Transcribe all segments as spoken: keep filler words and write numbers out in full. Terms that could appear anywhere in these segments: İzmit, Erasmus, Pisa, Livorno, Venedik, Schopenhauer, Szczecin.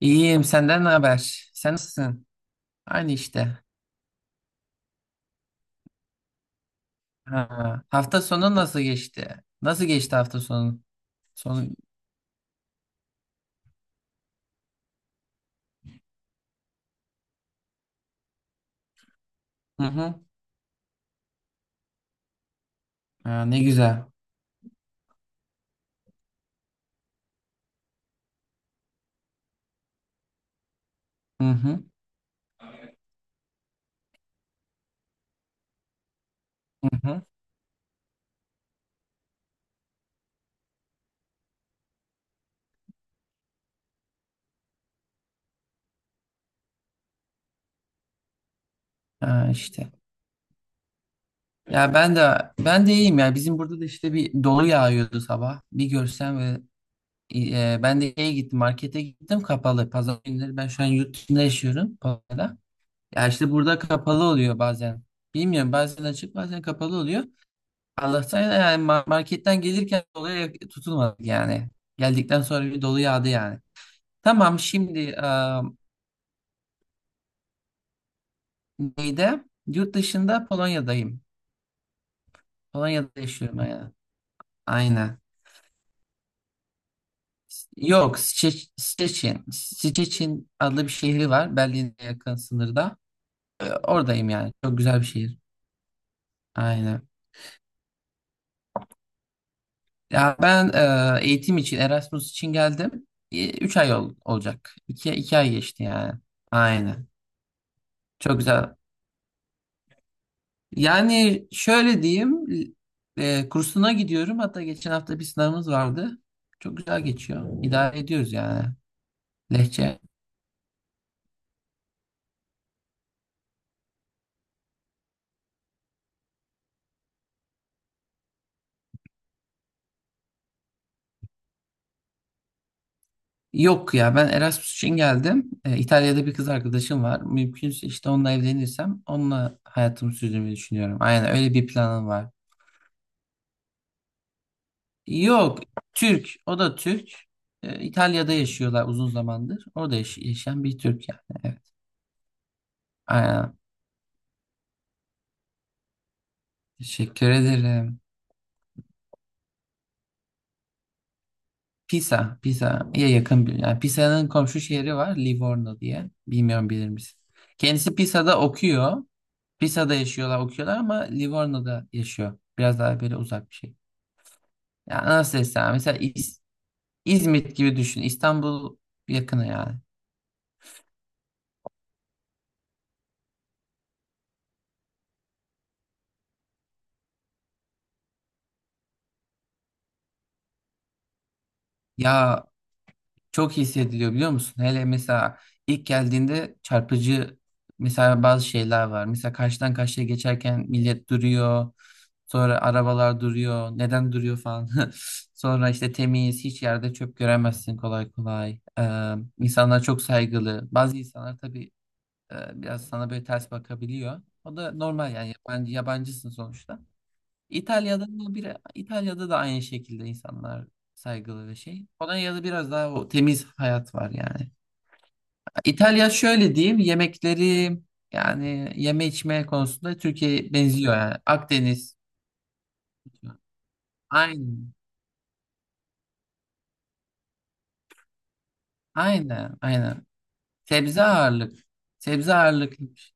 İyiyim, senden ne haber? Sen nasılsın? Aynı işte. Ha. Hafta sonu nasıl geçti? Nasıl geçti hafta sonu? Sonu. Hı hı. Ha, ne güzel. Hı hı. Hı hı. Ha, işte. Ya ben de ben de iyiyim ya. Bizim burada da işte bir dolu yağıyordu sabah. Bir görsen ve e, e, ben de şeye gittim, markete gittim kapalı. Pazar günleri ben şu an yurt dışında yaşıyorum. Pazarda. Ya işte burada kapalı oluyor bazen. Bilmiyorum bazen açık bazen kapalı oluyor. Allah'tan yani ma- marketten gelirken doluya tutulmadık yani. Geldikten sonra bir dolu yağdı yani. Tamam şimdi eee, neyde? Yurt dışında Polonya'dayım. Polonya'da yaşıyorum yani. Aynen. Yok, Szcze- Szczecin. Szczecin adlı bir şehri var. Berlin'e yakın sınırda. E, Oradayım yani. Çok güzel bir şehir. Aynen. Ya ben e, eğitim için, Erasmus için geldim. Üç ay ol- olacak. İki, iki ay geçti yani. Aynen. Çok güzel. Yani şöyle diyeyim, e, kursuna gidiyorum. Hatta geçen hafta bir sınavımız vardı. Çok güzel geçiyor. İdare ediyoruz yani. Lehçe. Yok ya ben Erasmus için geldim. E, İtalya'da bir kız arkadaşım var. Mümkünse işte onunla evlenirsem onunla hayatımı sürdürmeyi düşünüyorum. Aynen öyle bir planım var. Yok, Türk. O da Türk. E, İtalya'da yaşıyorlar uzun zamandır. Orada yaş- yaşayan bir Türk yani. Evet. Aynen. Teşekkür ederim. Pisa, Pisa'ya yakın bir. Yani Pisa'nın komşu şehri var, Livorno diye. Bilmiyorum, bilir misin? Kendisi Pisa'da okuyor. Pisa'da yaşıyorlar, okuyorlar ama Livorno'da yaşıyor. Biraz daha böyle uzak bir şey. Ya nasıl desem? Mesela İz- İzmit gibi düşün. İstanbul yakını yani. Ya çok iyi hissediliyor, biliyor musun? Hele mesela ilk geldiğinde çarpıcı mesela bazı şeyler var. Mesela karşıdan karşıya geçerken millet duruyor. Sonra arabalar duruyor. Neden duruyor falan. Sonra işte temiz, hiç yerde çöp göremezsin kolay kolay. Ee, insanlar çok saygılı. Bazı insanlar tabii e, biraz sana böyle ters bakabiliyor. O da normal yani, yabancı, yabancısın sonuçta. İtalya'da da bir İtalya'da da aynı şekilde insanlar saygılı ve şey. Polonya'da biraz daha o temiz hayat var yani. İtalya şöyle diyeyim, yemekleri yani yeme içme konusunda Türkiye'ye benziyor yani. Akdeniz. Aynen. Aynen. Aynen. Sebze ağırlık. Sebze ağırlıklı. Bir şey.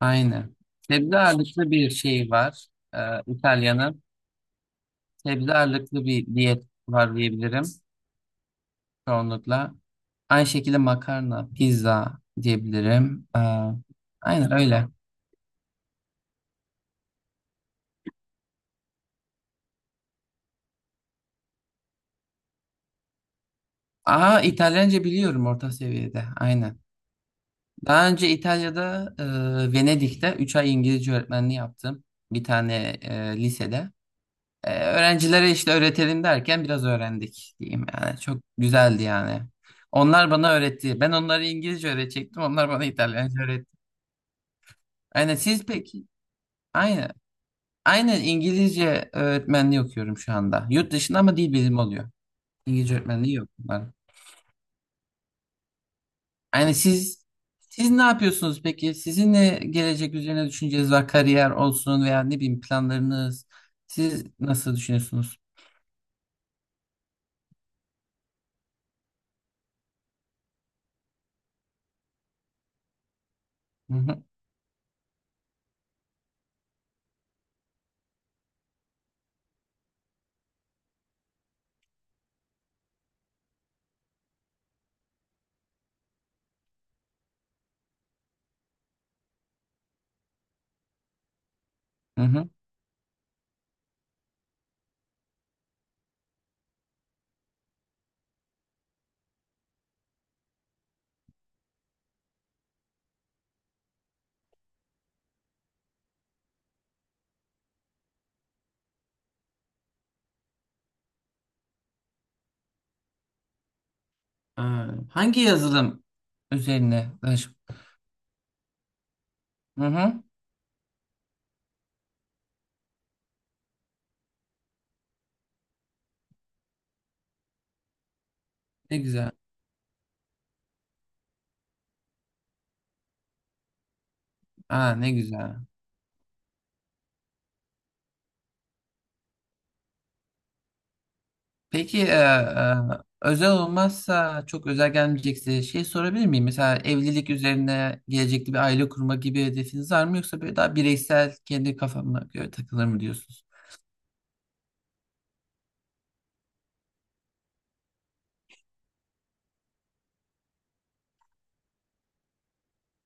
Aynen. Sebze ağırlıklı bir şey var. Ee, İtalya'nın. Sebze ağırlıklı bir diyet var diyebilirim çoğunlukla. Aynı şekilde makarna, pizza diyebilirim. Ee, aynen öyle. Aa, İtalyanca biliyorum orta seviyede. Aynen. Daha önce İtalya'da, e, Venedik'te üç ay İngilizce öğretmenliği yaptım. Bir tane e, lisede. E, öğrencilere işte öğretelim derken biraz öğrendik diyeyim yani. Çok güzeldi yani. Onlar bana öğretti. Ben onlara İngilizce öğretecektim. Onlar bana İtalyanca öğretti. Aynen, siz peki? Aynen. Aynen İngilizce öğretmenliği okuyorum şu anda. Yurt dışında ama dil bilimi oluyor. İngilizce öğretmenliği yok bunların. Yani siz siz ne yapıyorsunuz peki? Sizin ne gelecek üzerine düşünceniz var? Kariyer olsun veya ne bileyim planlarınız. Siz nasıl düşünüyorsunuz? Hı hı, hı hı. Aa, hangi yazılım üzerine? danışıp- Hı hı. Ne güzel. Aa, ne güzel. Peki e, e, özel olmazsa, çok özel gelmeyecekse şey sorabilir miyim? Mesela evlilik üzerine, gelecekte bir aile kurma gibi hedefiniz var mı, yoksa böyle daha bireysel kendi kafama göre takılır mı diyorsunuz?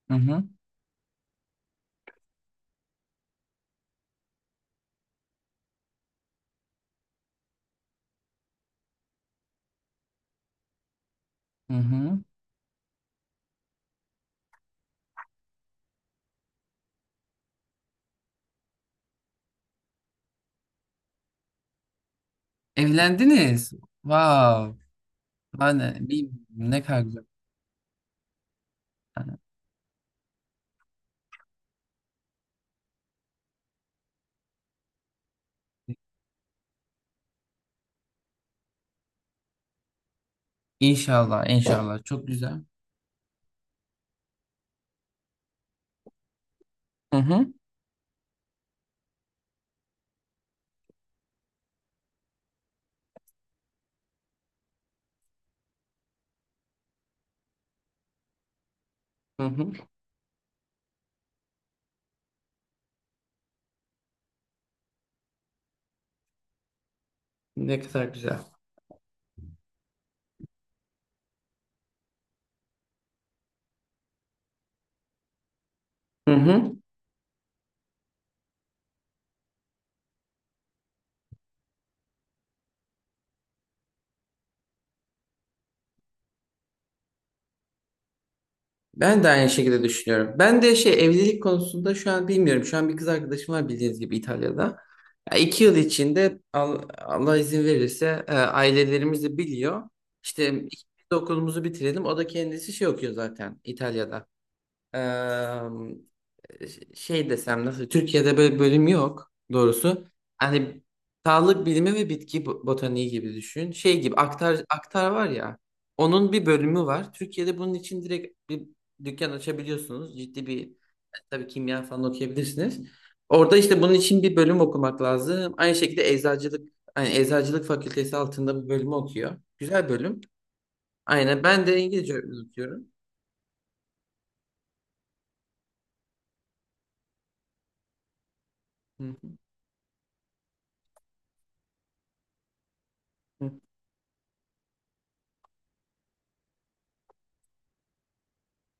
Hı hı. Hı hı. Evlendiniz. Wow. Yani bir ne kadar güzel. Yani İnşallah, inşallah. Çok güzel. Hı hı. Hı hı. Ne kadar güzel. Hı hı. Ben de aynı şekilde düşünüyorum. Ben de şey, evlilik konusunda şu an bilmiyorum. Şu an bir kız arkadaşım var, bildiğiniz gibi İtalya'da. Ya iki yıl içinde Al- Allah izin verirse, e, ailelerimiz de biliyor. İşte ikimiz de okulumuzu bitirelim. O da kendisi şey okuyor zaten İtalya'da. Şey desem nasıl, Türkiye'de böyle bölüm yok doğrusu. Hani sağlık bilimi ve bitki bo- botaniği gibi düşün. Şey gibi, aktar aktar var ya. Onun bir bölümü var. Türkiye'de bunun için direkt bir dükkan açabiliyorsunuz. Ciddi bir, tabii kimya falan okuyabilirsiniz. Orada işte bunun için bir bölüm okumak lazım. Aynı şekilde eczacılık, hani eczacılık fakültesi altında bir bölümü okuyor. Güzel bölüm. Aynen, ben de İngilizce öğretmen okuyorum. Hı hı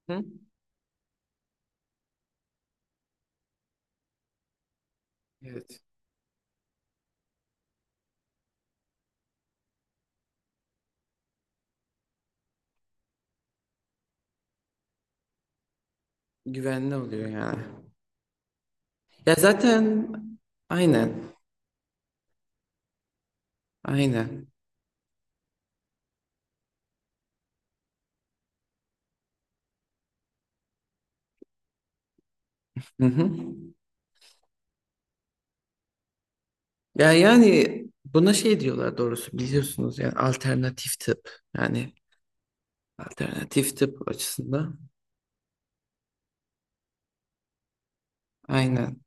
hı. Evet. Güvenli oluyor yani. Ya zaten, aynen. Aynen. Hı hı. Ya yani buna şey diyorlar doğrusu, biliyorsunuz, yani alternatif tıp. Yani alternatif tıp açısından. Aynen.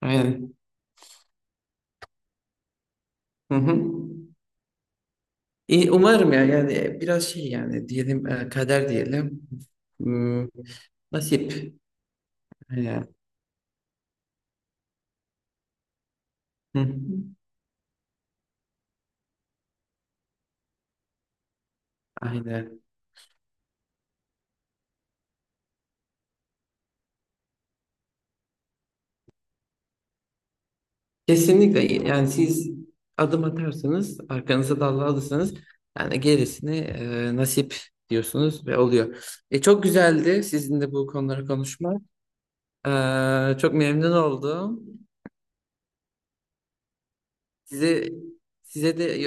Aynen. Hı hı. İyi, umarım ya, yani biraz şey yani diyelim, e, kader diyelim. Hmm, nasip. Aynen. Hı hı. Aynen. Kesinlikle, yani siz adım atarsanız, arkanıza dal alırsanız yani gerisini e, nasip diyorsunuz ve oluyor. E, çok güzeldi sizinle bu konuları konuşmak. E, çok memnun oldum. Size size de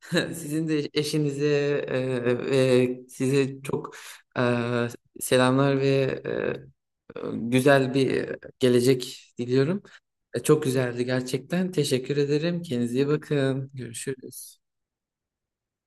sizin de eşinize, e, ve size çok e, selamlar ve e, güzel bir gelecek diliyorum. E, çok güzeldi gerçekten. Teşekkür ederim. Kendinize iyi bakın. Görüşürüz.